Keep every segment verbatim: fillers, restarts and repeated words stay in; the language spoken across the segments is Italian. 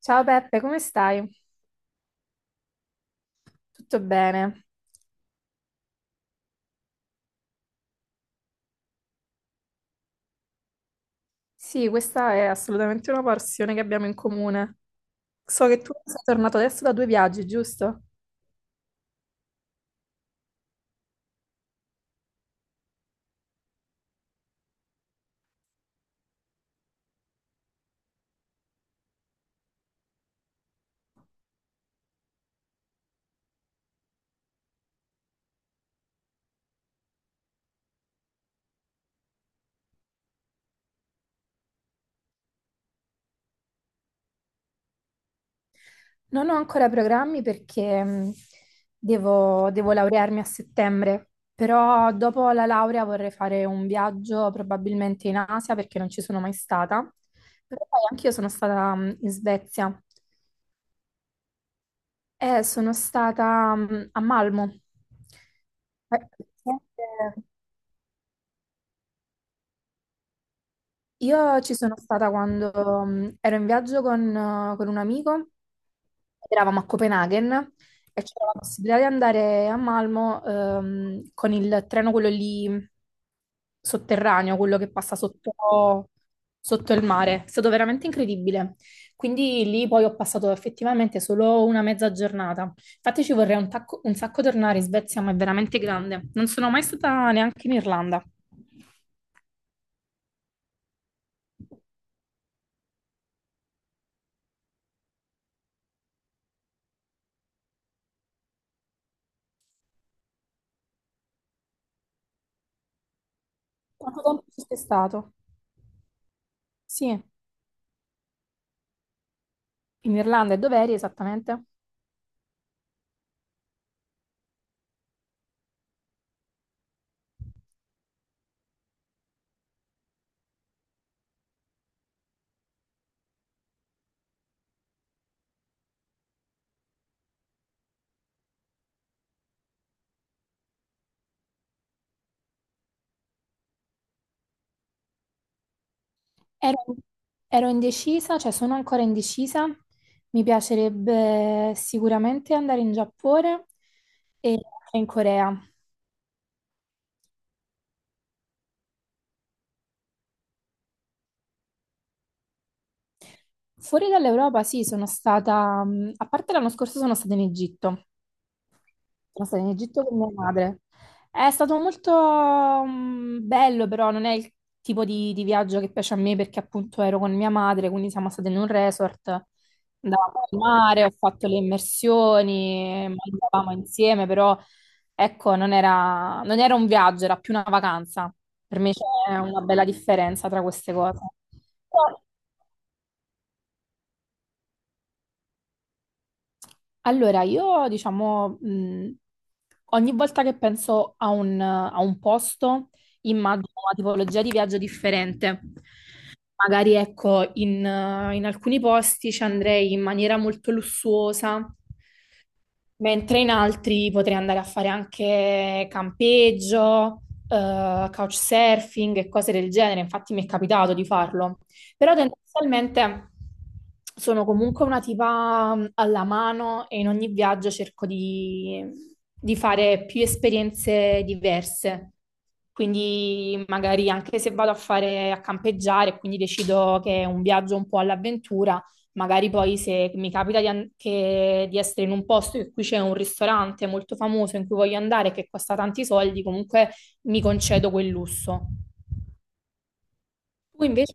Ciao Peppe, come stai? Tutto bene? Sì, questa è assolutamente una passione che abbiamo in comune. So che tu sei tornato adesso da due viaggi, giusto? Non ho ancora programmi perché mh, devo, devo laurearmi a settembre, però dopo la laurea vorrei fare un viaggio probabilmente in Asia perché non ci sono mai stata. Però poi anch'io sono stata mh, in Svezia e sono stata mh, a Malmo. Eh, presente- Io ci sono stata quando mm, ero in viaggio con, eh, con un amico, eravamo a Copenaghen e c'era la possibilità di andare a Malmo ehm, con il treno, quello lì mhmm, sotterraneo, quello che passa sotto, sotto il mare. È stato veramente incredibile. Quindi lì poi ho passato effettivamente solo una mezza giornata. Infatti ci vorrei un, tacco- un sacco tornare in Svezia, ma è veramente grande. Non sono mai stata neanche in Irlanda. Quanto tempo ci sei stato? Sì. In Irlanda e dov'eri esattamente? Ero, ero indecisa, cioè sono ancora indecisa. Mi piacerebbe sicuramente andare in Giappone e in Corea. Fuori dall'Europa, sì, sono stata, mh, a parte l'anno scorso sono stata in Egitto. Sono stata in Egitto con mia madre. È stato molto mm, bello, però non è il tipo di, di viaggio che piace a me perché appunto ero con mia madre, quindi siamo state in un resort, andavamo al mare, ho fatto le immersioni, mangiavamo insieme, però ecco, non era, non era un viaggio, era più una vacanza. Per me c'è una bella differenza tra queste cose. Però allora, io diciamo, mh, ogni volta che penso a un, a un posto, immagino una tipologia di viaggio differente. Magari, ecco, in, eh, in alcuni posti ci andrei in maniera molto lussuosa, mentre in altri potrei andare a fare anche campeggio, eh, couchsurfing e cose del genere. Infatti mi è capitato di farlo. Però tendenzialmente sono comunque una tipa mh, alla mano e in ogni viaggio cerco di, di fare più esperienze diverse. Quindi magari anche se vado a fare a campeggiare, quindi decido che è un viaggio un po' all'avventura, magari poi se mi capita di, an- che- di essere in un posto in cui c'è un ristorante molto famoso in cui voglio andare che costa tanti soldi, comunque mi concedo quel lusso. Tu invece?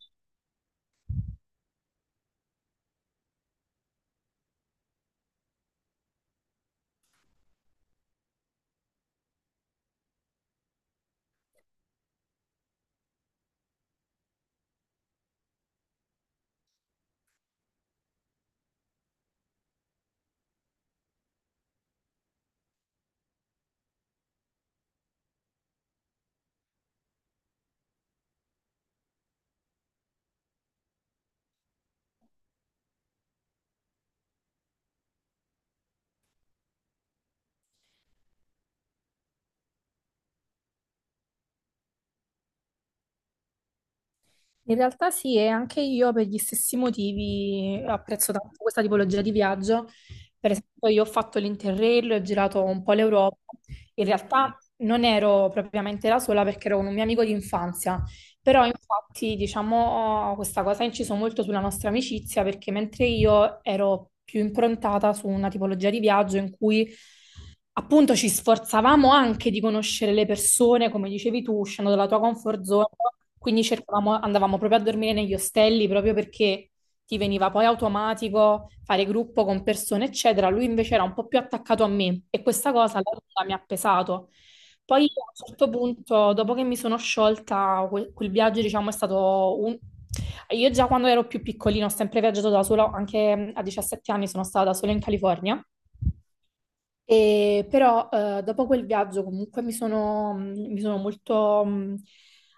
In realtà sì, e anche io per gli stessi motivi apprezzo tanto questa tipologia di viaggio. Per esempio, io ho fatto l'Interrail, ho girato un po' l'Europa. In realtà non ero propriamente la sola perché ero con un mio amico di infanzia. Però infatti, diciamo, questa cosa ha inciso molto sulla nostra amicizia perché mentre io ero più improntata su una tipologia di viaggio in cui appunto ci sforzavamo anche di conoscere le persone, come dicevi tu, uscendo dalla tua comfort zone, quindi cercavamo, andavamo proprio a dormire negli ostelli proprio perché ti veniva poi automatico fare gruppo con persone, eccetera. Lui invece era un po' più attaccato a me e questa cosa alla lunga mi ha pesato. Poi a un certo punto, dopo che mi sono sciolta, quel, quel viaggio, diciamo, è stato un... Io già quando ero più piccolino ho sempre viaggiato da sola, anche mm, a 17 anni sono stata da sola in California e però eh, dopo quel viaggio comunque mi sono, mm, mi sono molto mh,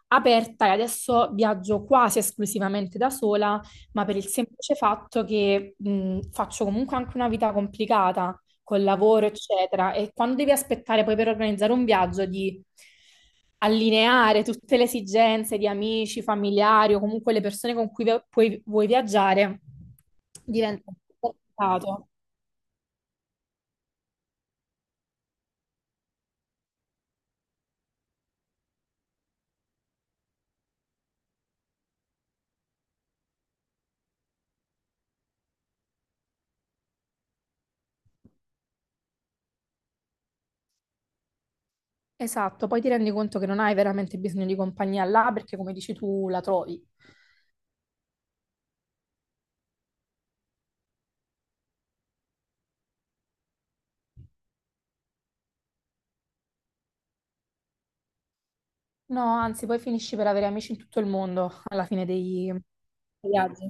aperta e adesso viaggio quasi esclusivamente da sola, ma per il semplice fatto che mh, faccio comunque anche una vita complicata col lavoro, eccetera, e quando devi aspettare poi per organizzare un viaggio di allineare tutte le esigenze di amici, familiari o comunque le persone con cui vi- puoi- vuoi viaggiare, diventa un po' complicato. Esatto, poi ti rendi conto che non hai veramente bisogno di compagnia là perché, come dici tu, la trovi. No, anzi, poi finisci per avere amici in tutto il mondo alla fine dei dei viaggi.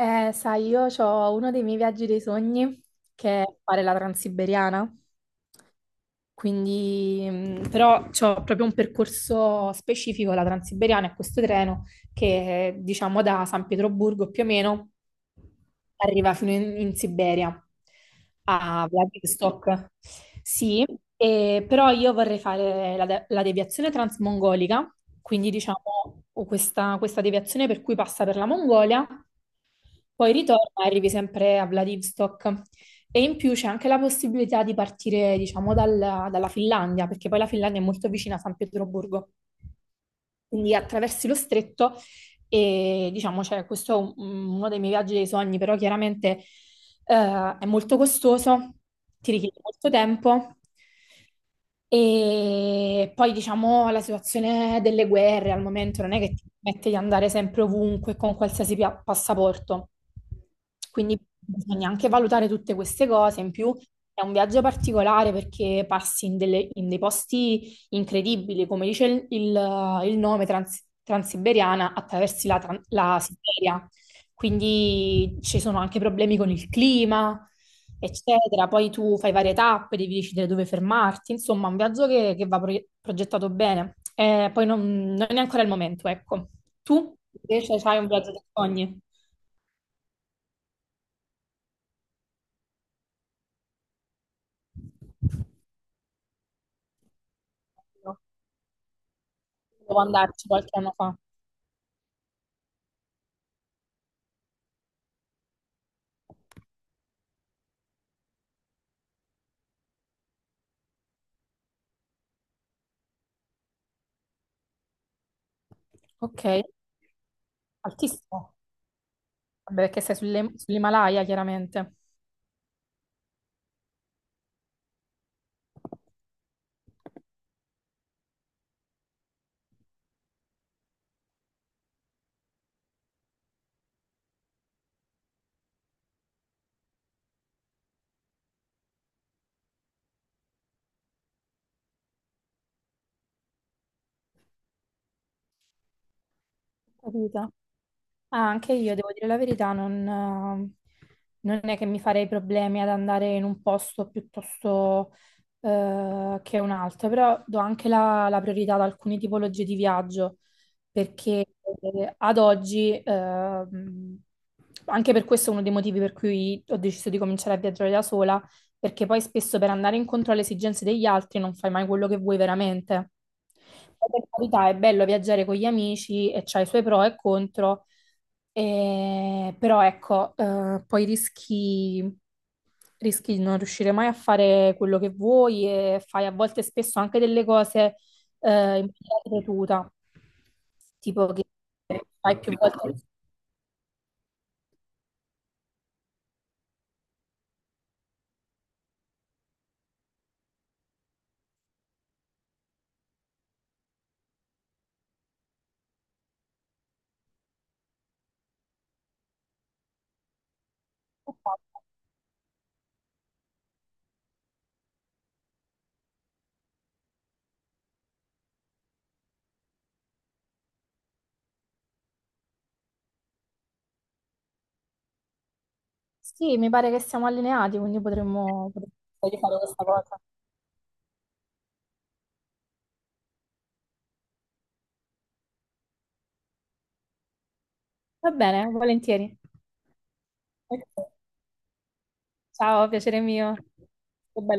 Eh, sai, io ho uno dei miei viaggi dei sogni che è fare la Transiberiana. Quindi, mh, però, c'ho proprio un percorso specifico, la Transiberiana, e questo treno che, diciamo, da San Pietroburgo più o meno arriva fino in, in Siberia, a Vladivostok. Sì, e- però io vorrei fare la, de- la deviazione transmongolica, quindi diciamo o questa, questa deviazione per cui passa per la Mongolia poi ritorna e arrivi sempre a Vladivostok. E in più c'è anche la possibilità di partire, diciamo, dalla dalla Finlandia, perché poi la Finlandia è molto vicina a San Pietroburgo. Quindi attraversi lo stretto e diciamo, cioè, questo è un- mm, uno dei miei viaggi dei sogni, però chiaramente eh, è molto costoso, ti richiede molto tempo. E poi diciamo la situazione delle guerre al momento non è che ti permette di andare sempre ovunque con qualsiasi pia- passaporto. Quindi bisogna anche valutare tutte queste cose. In più è un viaggio particolare perché passi in, delle- in dei posti incredibili, come dice il, il- il nome trans- transiberiana, attraversi la, tran- la Siberia. Quindi ci sono anche problemi con il clima, eccetera. Poi tu fai varie tappe, devi decidere dove fermarti. Insomma, un viaggio che, che va pro- progettato bene. Eh, poi non, non è ancora il momento, ecco. Tu invece hai un viaggio dei sogni? No, devo andarci qualche anno fa. Ok, altissimo. Vabbè, perché sei sulle- sull'Himalaya, chiaramente. Capito. Ah, anche io, devo dire la verità, non, eh, non è che mi farei problemi ad andare in un posto piuttosto eh, che un altro, però do anche la, la priorità ad alcune tipologie di viaggio, perché eh, ad oggi, ehm, anche per questo è uno dei motivi per cui ho deciso di cominciare a viaggiare da sola, perché poi spesso per andare incontro alle esigenze degli altri non fai mai quello che vuoi veramente. Poi, per carità, è bello viaggiare con gli amici e c'ha i suoi pro e contro, e- però ecco, eh, poi rischi, rischi di non riuscire mai a fare quello che vuoi e fai a volte spesso anche delle cose eh, in maniera ripetuta, tipo che fai più volte. Sì, mi pare che siamo allineati, quindi potremmo, potremmo fare questa cosa. Va bene, volentieri. Ok. Ciao, piacere mio. Che bello